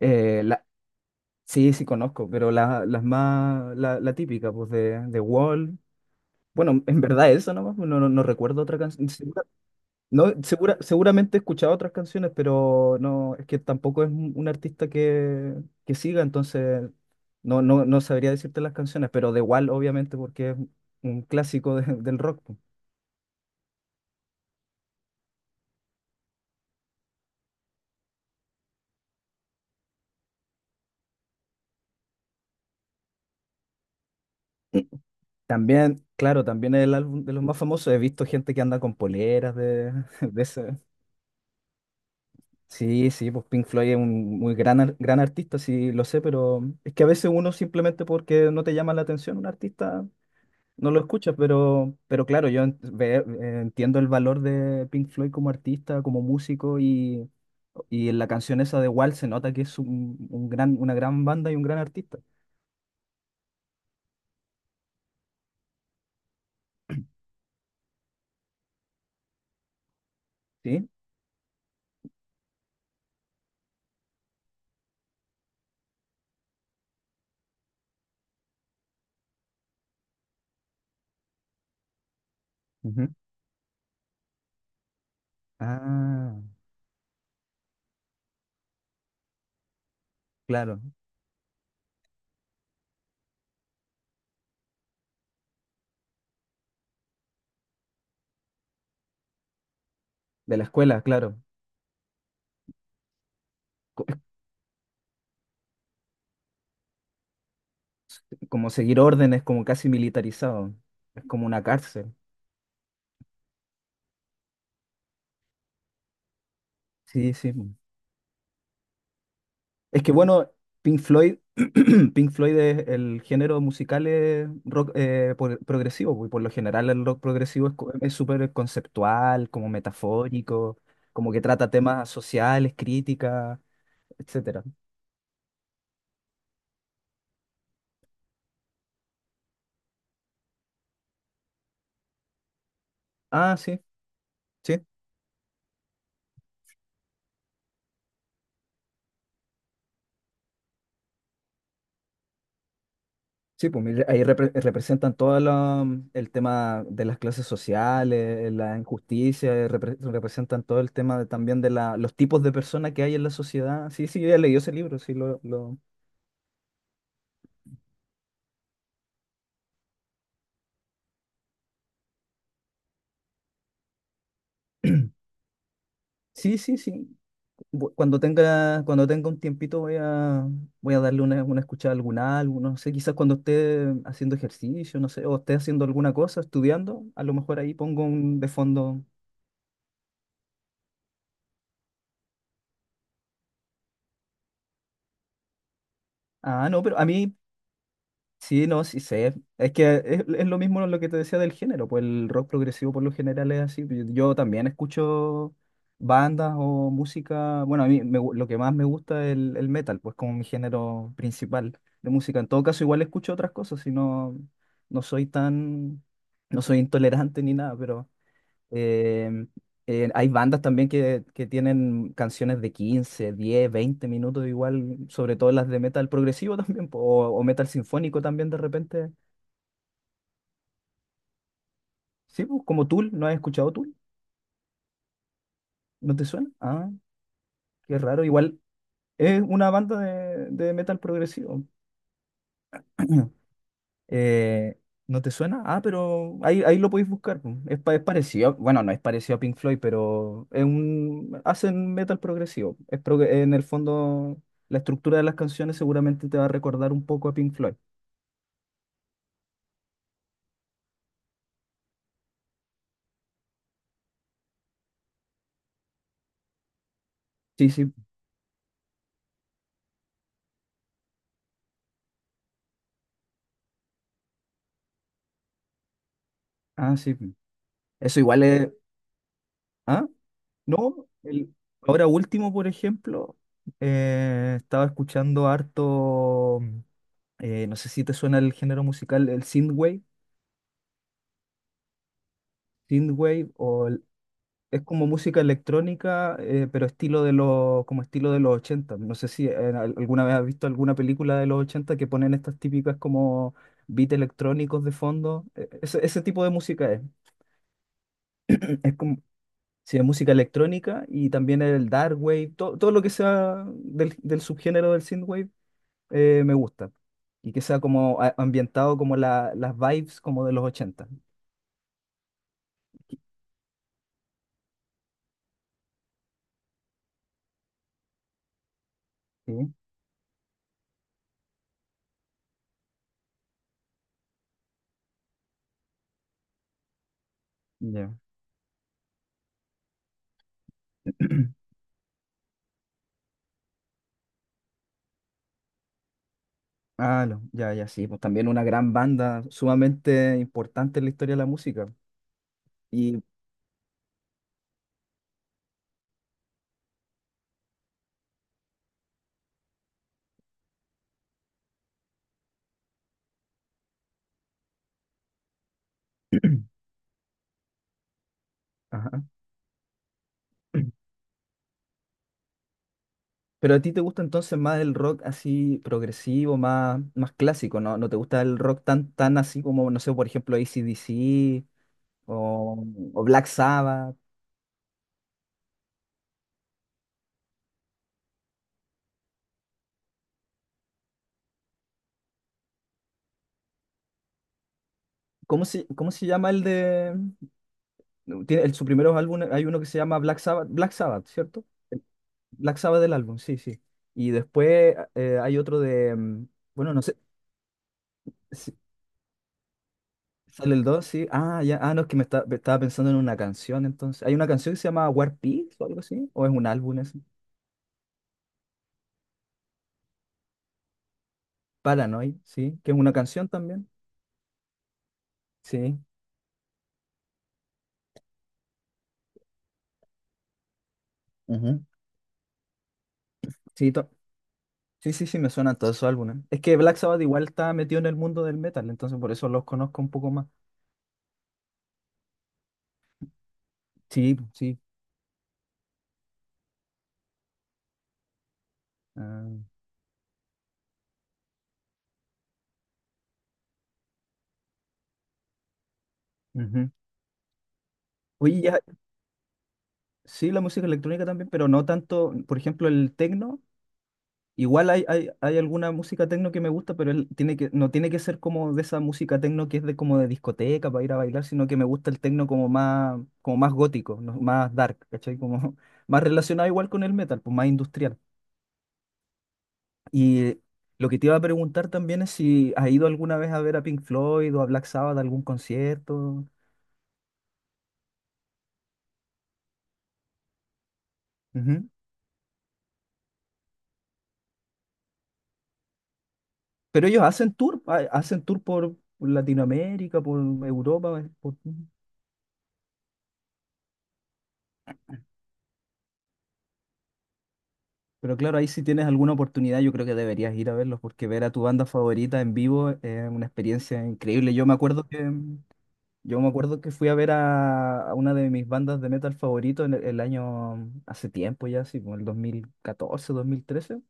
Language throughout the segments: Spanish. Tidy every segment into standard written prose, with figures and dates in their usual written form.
Eh, la, sí, sí conozco, pero las más, la típica, pues de Wall. Bueno, en verdad eso nomás, pues, no recuerdo otra canción. No, seguramente he escuchado otras canciones, pero no, es que tampoco es un artista que siga, entonces no sabría decirte las canciones, pero de Wall obviamente porque es un clásico del rock. Po. También, claro, también es el álbum de los más famosos. He visto gente que anda con poleras de, de ese. Sí, sí, pues Pink Floyd es un muy gran, gran artista, sí lo sé, pero es que a veces uno simplemente porque no te llama la atención un artista no lo escuchas, pero claro, yo entiendo el valor de Pink Floyd como artista, como músico y en la canción esa de Wall se nota que es un gran, una gran banda y un gran artista, ¿sí? Ujú. Ah, claro, de la escuela, claro, co- es como seguir órdenes, como casi militarizado, es como una cárcel, sí, sí. Es que bueno, Pink Floyd, Pink Floyd es el género musical es rock progresivo, pues, y por lo general el rock progresivo es es súper conceptual, como metafórico, como que trata temas sociales, críticas, etcétera. Ah, sí, sí, sí, pues mira, ahí representan todo el tema de las clases sociales, la injusticia, representan todo el tema también de la, los tipos de personas que hay en la sociedad. Sí, sí, yo ya leí ese libro, sí, lo... Sí, sí, sí. Cuando tenga un tiempito voy a, voy a darle una escuchada a algún álbum, no sé, quizás cuando esté haciendo ejercicio, no sé, o esté haciendo alguna cosa, estudiando, a lo mejor ahí pongo un de fondo. Ah, no, pero a mí sí, no, sí sé. Es que es lo mismo lo que te decía del género, pues el rock progresivo por lo general es así. Yo también escucho bandas o música. Bueno, a mí lo que más me gusta es el metal, pues como mi género principal de música. En todo caso, igual escucho otras cosas, si no, no soy tan, no soy intolerante ni nada, pero eh, hay bandas también que tienen canciones de 15, 10, 20 minutos igual, sobre todo las de metal progresivo también, po, o metal sinfónico también de repente. Sí, pues, como Tool, ¿no has escuchado Tool? ¿No te suena? Ah, qué raro, igual es una banda de metal progresivo. Eh, ¿no te suena? Ah, pero ahí lo podéis buscar. Po. Es, es parecido, bueno, no es parecido a Pink Floyd, pero es un, hacen metal progresivo. Es en el fondo, la estructura de las canciones seguramente te va a recordar un poco a Pink Floyd. Sí, sí. Ah, sí. Eso igual es... ¿Ah? No, el- ahora último, por ejemplo, estaba escuchando harto, no sé si te suena el género musical, el synthwave, synthwave o es como música electrónica, pero estilo de los, como estilo de los ochenta. No sé si alguna vez has visto alguna película de los 80 que ponen estas típicas como beats electrónicos de fondo. Ese, ese tipo de música es. Es como, sí, es música electrónica y también el dark wave, todo lo que sea del subgénero del synthwave me gusta. Y que sea como ambientado como las vibes como de los ochenta. Sí, ya. Ah, ya, ya, sí, pues también una gran banda sumamente importante en la historia de la música. Y, ajá. Pero a ti te gusta entonces más el rock así progresivo, más, más clásico, ¿no? ¿No te gusta el rock tan, tan así como, no sé, por ejemplo, AC/DC o, o Black Sabbath? Cómo se llama el de... su primeros álbum, hay uno que se llama Black Sabbath, Black Sabbath, ¿cierto? Black Sabbath del álbum, sí, sí. Y después hay otro de... mm, bueno, no sé. Sale el 2 sí. Ah, ya. Ah, no, es que me, me estaba pensando en una canción entonces. Hay una canción que se llama War Pigs o algo así, o es un álbum ese. Paranoid, sí, que es una canción también. Sí. Ujú. Sí, to- sí, sí, sí, me suenan todos esos álbumes. Es que Black Sabbath igual está metido en el mundo del metal, entonces por eso los conozco un poco más. Sí, pues, sí. Ah, ujú. Oye, ya, sí, la música electrónica también, pero no tanto, por ejemplo, el techno. Igual hay alguna música techno que me gusta, pero él tiene que, no tiene que ser como de esa música techno que es de como de discoteca para ir a bailar, sino que me gusta el techno como más gótico, más dark, ¿cachai? Como más relacionado igual con el metal, pues más industrial. Y lo que te iba a preguntar también es si has ido alguna vez a ver a Pink Floyd o a Black Sabbath a algún concierto. Ujú. Pero ellos hacen tour, hacen tour por Latinoamérica, por Europa, por... Pero claro, ahí si tienes alguna oportunidad, yo creo que deberías ir a verlos, porque ver a tu banda favorita en vivo es una experiencia increíble. Yo me acuerdo que, yo me acuerdo que fui a ver a una de mis bandas de metal favorito en el año, hace tiempo ya, así como el 2014, 2013,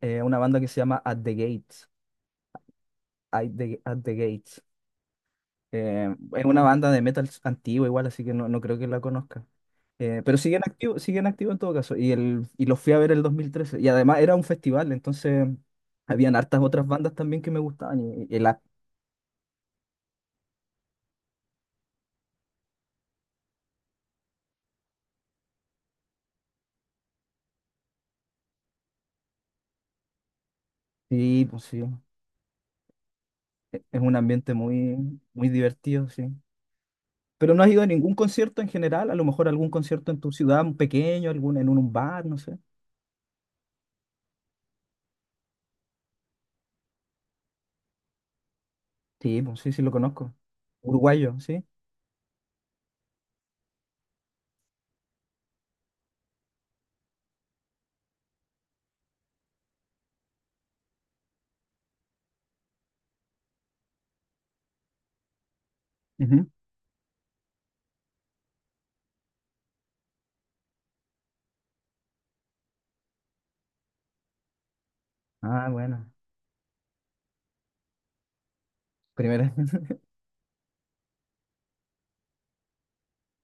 una banda que se llama At the Gates, At the Gates. Es una banda de metal antigua igual, así que no, no creo que la conozca. Pero siguen activos en todo caso. Y, y los fui a ver el 2013. Y además era un festival, entonces habían hartas otras bandas también que me gustaban. Sí, pues sí, es un ambiente muy, muy divertido, sí. Pero no has ido a ningún concierto en general, a lo mejor algún concierto en tu ciudad, un pequeño, algún en un bar, no sé. Sí, pues sí, sí lo conozco. Uruguayo, sí. Ujú. Ah, bueno. Primer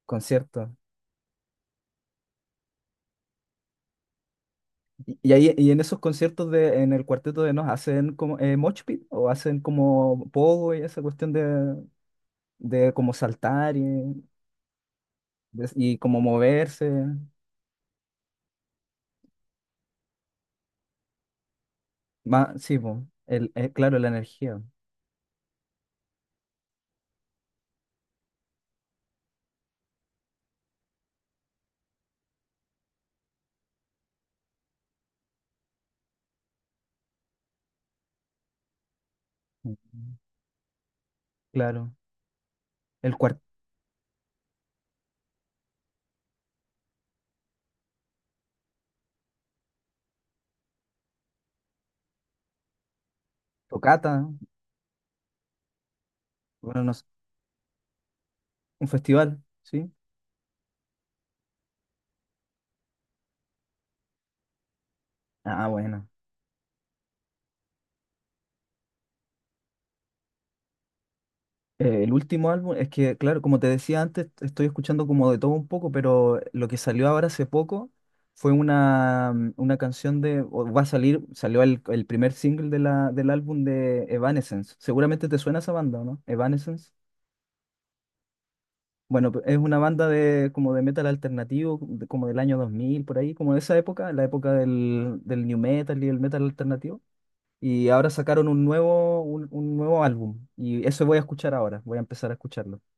concierto. Y ahí en esos conciertos de en el Cuarteto de Nos hacen como mosh pit o hacen como pogo y esa cuestión de como saltar y, y como moverse. Más, sí, po, el, claro, la energía. Ujú, claro. El cuarto cata, bueno, no sé, un festival, ¿sí? Ah, bueno. El último álbum, es que, claro, como te decía antes, estoy escuchando como de todo un poco, pero lo que salió ahora hace poco fue una, mm, una canción de, o va a salir, salió el primer single de del álbum de Evanescence. Seguramente te suena esa banda, ¿o ¿no? Evanescence. Bueno, es una banda de, como de metal alternativo, como del año 2000 por ahí, como de esa época, la época del new metal y el metal alternativo. Y ahora sacaron un nuevo, un nuevo álbum, y eso voy a escuchar ahora, voy a empezar a escucharlo.